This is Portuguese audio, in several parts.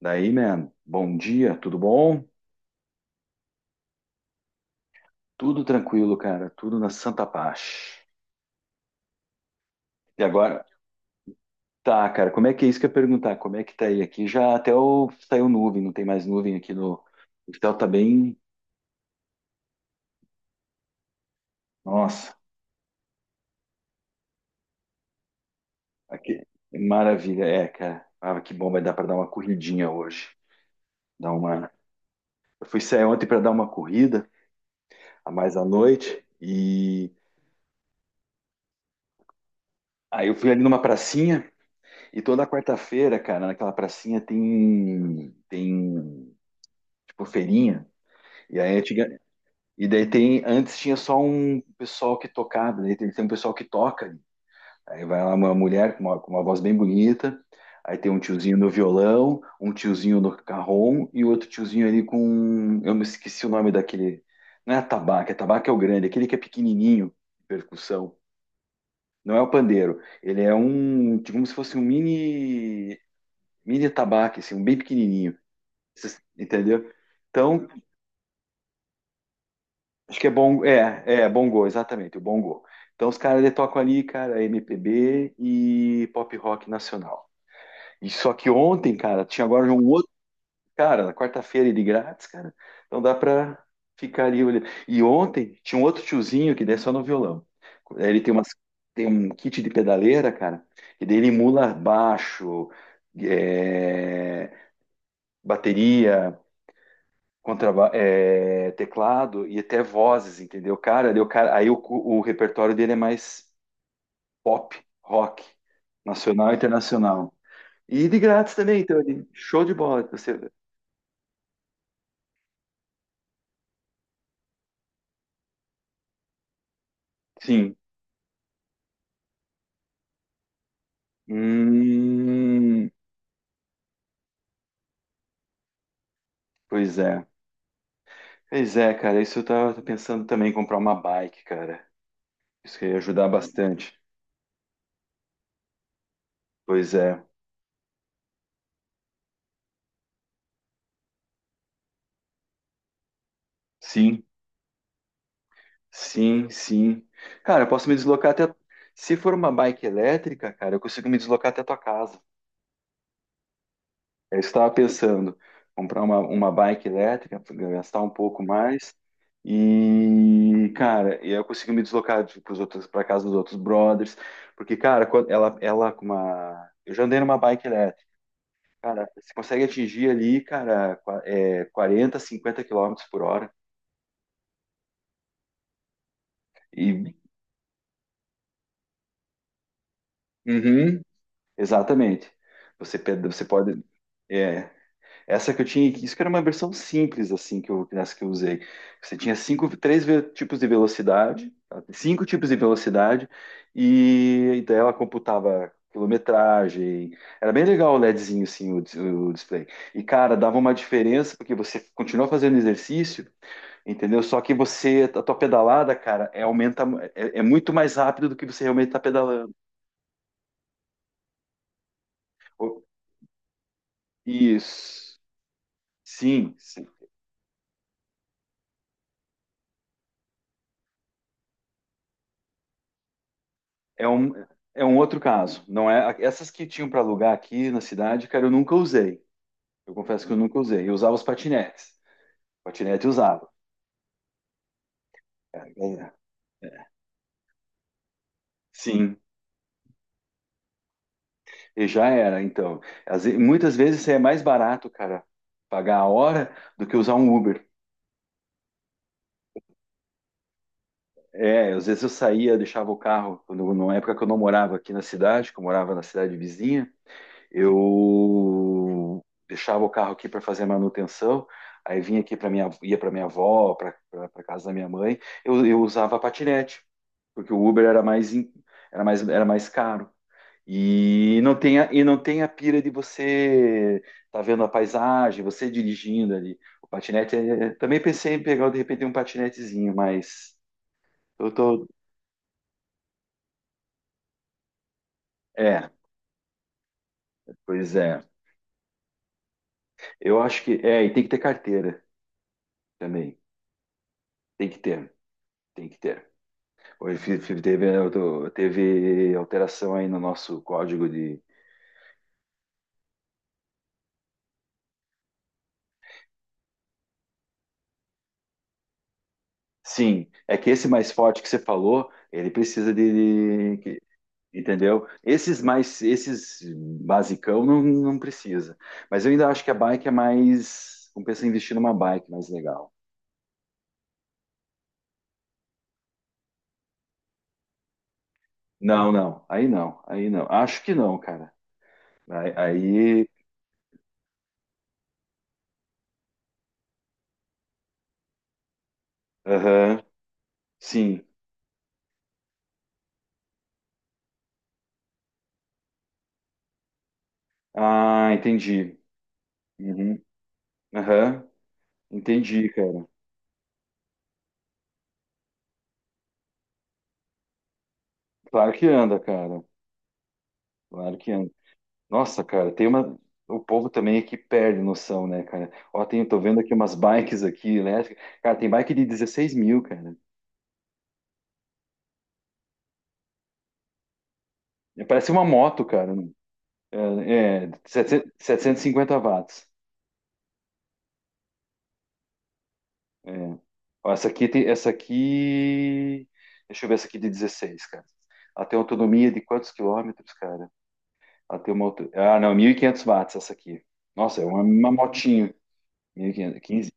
Daí, man, bom dia, tudo bom? Tudo tranquilo, cara, tudo na santa paz. E agora, tá, cara, como é que é isso que eu ia perguntar? Como é que tá aí? Aqui já até o, saiu nuvem, não tem mais nuvem aqui no. O céu tá bem. Nossa, aqui, maravilha, é, cara. Ah, que bom, vai dar pra dar uma corridinha hoje. Dar uma. Eu fui sair ontem pra dar uma corrida, a mais à noite, e. Aí eu fui ali numa pracinha, e toda quarta-feira, cara, naquela pracinha tem. Tem. Tipo, feirinha. E aí antiga- e daí tem, antes tinha só um pessoal que tocava, daí tem, um pessoal que toca ali. Aí vai lá uma mulher com uma voz bem bonita, aí tem um tiozinho no violão, um tiozinho no carrom e outro tiozinho ali com, eu me esqueci o nome daquele, não é atabaque, atabaque é o grande, aquele que é pequenininho, percussão. Não é o pandeiro, ele é um, tipo, como se fosse um mini, atabaque, assim, um bem pequenininho. Vocês- entendeu? Então, acho que é bom, é Bongo, exatamente, o Bongo. Então os caras eles tocam ali, cara, MPB e pop rock nacional. E só que ontem, cara, tinha agora um outro cara, na quarta-feira de grátis, cara. Então dá pra ficar ali olhando. E ontem tinha um outro tiozinho que daí só no violão. Ele tem umas, tem um kit de pedaleira, cara, e daí ele emula baixo, é, bateria, contraba- é, teclado e até vozes, entendeu? Cara, daí o cara, aí o repertório dele é mais pop, rock, nacional e internacional. E de grátis também, então, ele, show de bola. Você, sim. Hum, pois é. Pois é, cara, isso eu tava pensando também em comprar uma bike, cara. Isso que ia ajudar bastante. Pois é. Sim, sim, sim. Cara, eu posso me deslocar até. Se for uma bike elétrica, cara, eu consigo me deslocar até a tua casa. Eu estava pensando comprar uma, bike elétrica, gastar um pouco mais e, cara, e eu consegui me deslocar para os outros, para casa dos outros brothers, porque, cara, quando ela com uma, eu já andei numa bike elétrica, cara, você consegue atingir ali, cara, qua- é, 40 50 quilômetros por hora e, uhum, exatamente, você, pe- você pode, é, essa que eu tinha, isso que era uma versão simples, assim, que eu, nessa que eu usei. Você tinha cinco, três ve- tipos de velocidade, tá? Cinco tipos de velocidade, e, daí ela computava quilometragem. Era bem legal o LEDzinho, assim, o, dis- o display. E, cara, dava uma diferença, porque você continua fazendo exercício, entendeu? Só que você, a tua pedalada, cara, é, aumenta, é, muito mais rápido do que você realmente está pedalando. O- isso. Sim, É um, é um outro caso. Não é essas que tinham para alugar aqui na cidade, cara, eu nunca usei. Eu confesso que eu nunca usei. Eu usava os patinetes. Patinete eu usava. É, sim, e já era. Então, às ve- muitas vezes é mais barato, cara, pagar a hora do que usar um Uber. É, às vezes eu saía, deixava o carro, quando, na época que eu não morava aqui na cidade, que eu morava na cidade vizinha, eu deixava o carro aqui para fazer a manutenção, aí vinha aqui para minha, ia para minha avó, para casa da minha mãe, eu, usava patinete, porque o Uber era mais, em- era mais caro. E não tem a, e não tem a pira de você tá vendo a paisagem, você dirigindo ali. O patinete, é- também pensei em pegar de repente um patinetezinho, mas eu tô, é, pois é. Eu acho que é, e tem que ter carteira também. Tem que ter, tem que ter. Hoje fi- fi- teve, eu teve alteração aí no nosso código de. Sim, é que esse mais forte que você falou, ele precisa de- que- entendeu? Esses mais, esses basicão não, não precisa. Mas eu ainda acho que a bike é mais. Compensa investir numa bike mais legal. Não, não, aí não, aí não. Acho que não, cara. Aí, aí, aham, sim. Ah, entendi. Uhum, aham, entendi, cara. Claro que anda, cara. Claro que anda. Nossa, cara, tem uma. O povo também aqui perde noção, né, cara? Ó, tem, tô vendo aqui umas bikes aqui elétricas. Cara, tem bike de 16 mil, cara. É, parece uma moto, cara. é, setecentos e cinquenta watts. É. Ó, essa aqui tem. Essa aqui. Deixa eu ver essa aqui de dezesseis, cara. Ela tem autonomia de quantos quilômetros, cara? Ela tem uma. Auto- ah, não, 1.500 watts essa aqui. Nossa, é uma, motinha. 1.500, 15,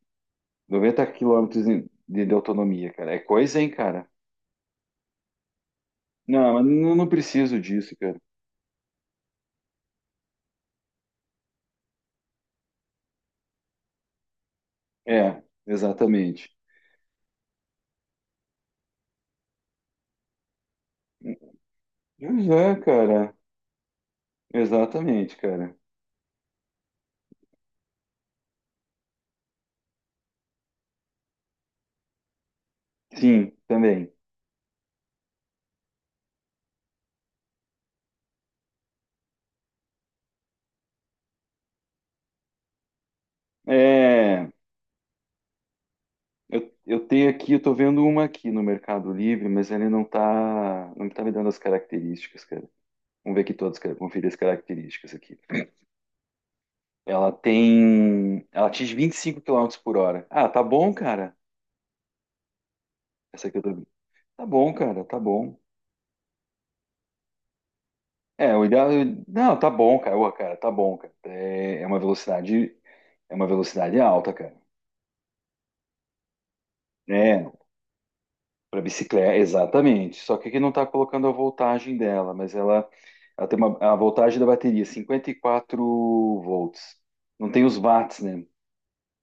90 km de autonomia, cara. É coisa, hein, cara? Não, mas não preciso disso, cara. É, exatamente. Pois é, cara. Exatamente, cara. Sim, também. É, eu tenho aqui, eu tô vendo uma aqui no Mercado Livre, mas ele não tá me dando as características, cara. Vamos ver aqui todas, cara, conferir as características aqui. Ela tem, ela atinge 25 km/h. Ah, tá bom, cara. Essa aqui eu tô, vendo. Tá bom, cara, tá bom. É, o ideal. Não, tá bom, cara. Ô, cara, tá bom, cara. É, é uma velocidade, alta, cara. É, para bicicleta, exatamente. Só que aqui não tá colocando a voltagem dela, mas ela tem uma, a voltagem da bateria, 54 volts. Não tem os watts, né?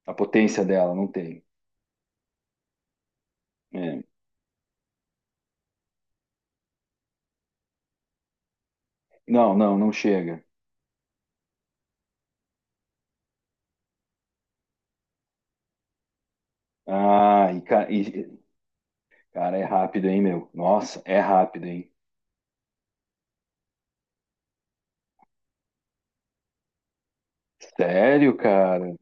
A potência dela, não tem. É. Não, não, não chega. Ah, e, ca- e- cara, é rápido, hein, meu? Nossa, é rápido, hein? Sério, cara?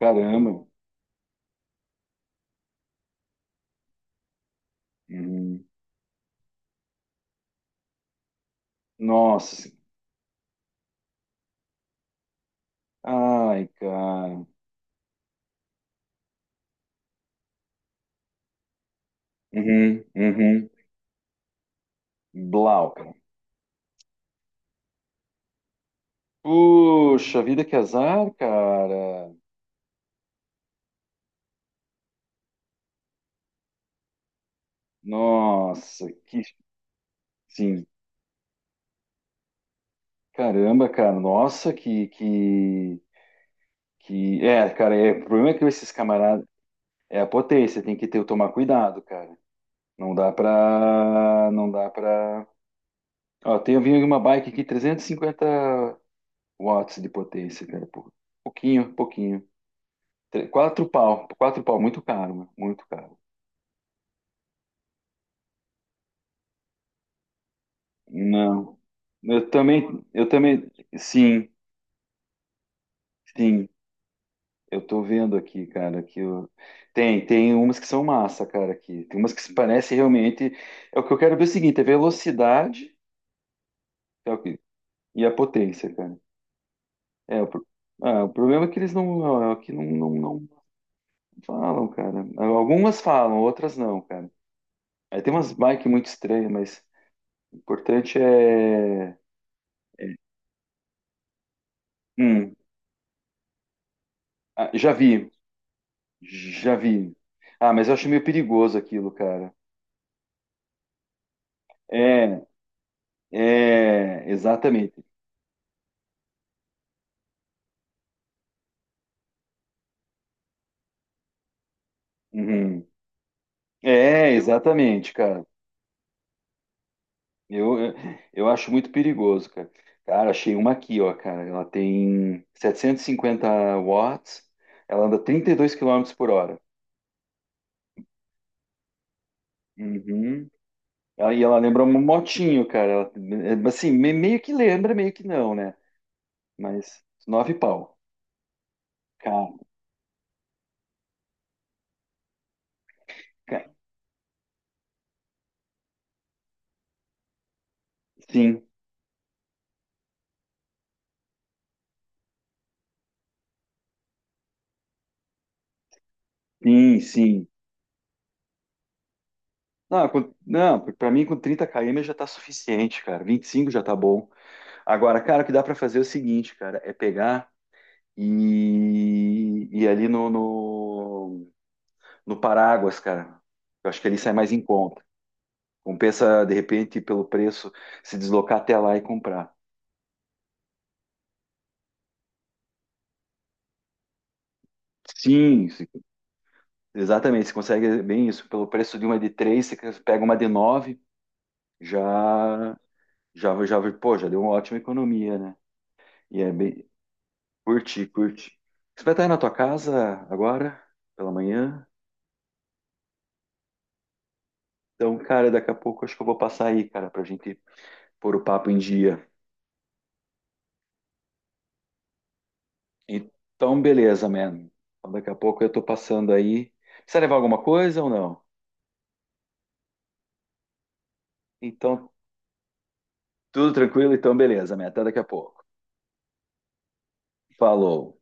Caramba. Uhum. Nossa, ai, cara. Uhum, uhum. Blau, cara. Puxa vida, que azar, cara. Nossa, que. Sim. Caramba, cara. Nossa, que. Que... É, cara, é, o problema é que esses camaradas. É a potência, tem que ter, tomar cuidado, cara. Não dá pra. Não dá pra. Ó, tem, eu vi uma bike aqui, 350 watts de potência, cara. Pô. Pouquinho, pouquinho. Tre- quatro pau, quatro pau, muito caro, mano, muito caro. Não. Eu também, sim, sim. Eu tô vendo aqui, cara, que eu... Tem umas que são massa, cara, aqui. Tem umas que se parecem realmente. É o que eu quero ver é o seguinte, é velocidade é o que- e a potência, cara. É, o, pro- ah, o problema é que eles não, aqui não falam, cara. Algumas falam, outras não, cara. Aí tem umas bikes muito estranhas, mas o importante é. Hum, ah, já vi, já vi. Ah, mas eu acho meio perigoso aquilo, cara. É, é exatamente. Uhum. É, exatamente, cara. Eu, eu eu acho muito perigoso, cara. Cara, achei uma aqui, ó, cara. Ela tem 750 watts, ela anda 32 quilômetros por hora. Uhum. Ela- E ela lembra um motinho, cara. Ela- é, assim, me- meio que lembra, meio que não, né? Mas nove pau. Cara, ca- sim, sim, sim. Não, com, não, pra mim com 30 km já tá suficiente, cara. 25 já tá bom. Agora, cara, o que dá para fazer é o seguinte, cara, é pegar e ir ali no Paráguas, cara. Eu acho que ali sai mais em conta. Compensa, de repente, pelo preço, se deslocar até lá e comprar. Sim, se- exatamente. Você consegue bem isso. Pelo preço de uma de três, você pega uma de nove, já, já, já, pô, já deu uma ótima economia, né? E é bem. Curti, curti. Você vai estar aí na tua casa agora, pela manhã? Então, cara, daqui a pouco acho que eu vou passar aí, cara, pra gente pôr o papo em dia. Então, beleza, man. Então, daqui a pouco eu tô passando aí. Precisa levar alguma coisa ou não? Então, tudo tranquilo? Então, beleza, man. Até daqui a pouco. Falou.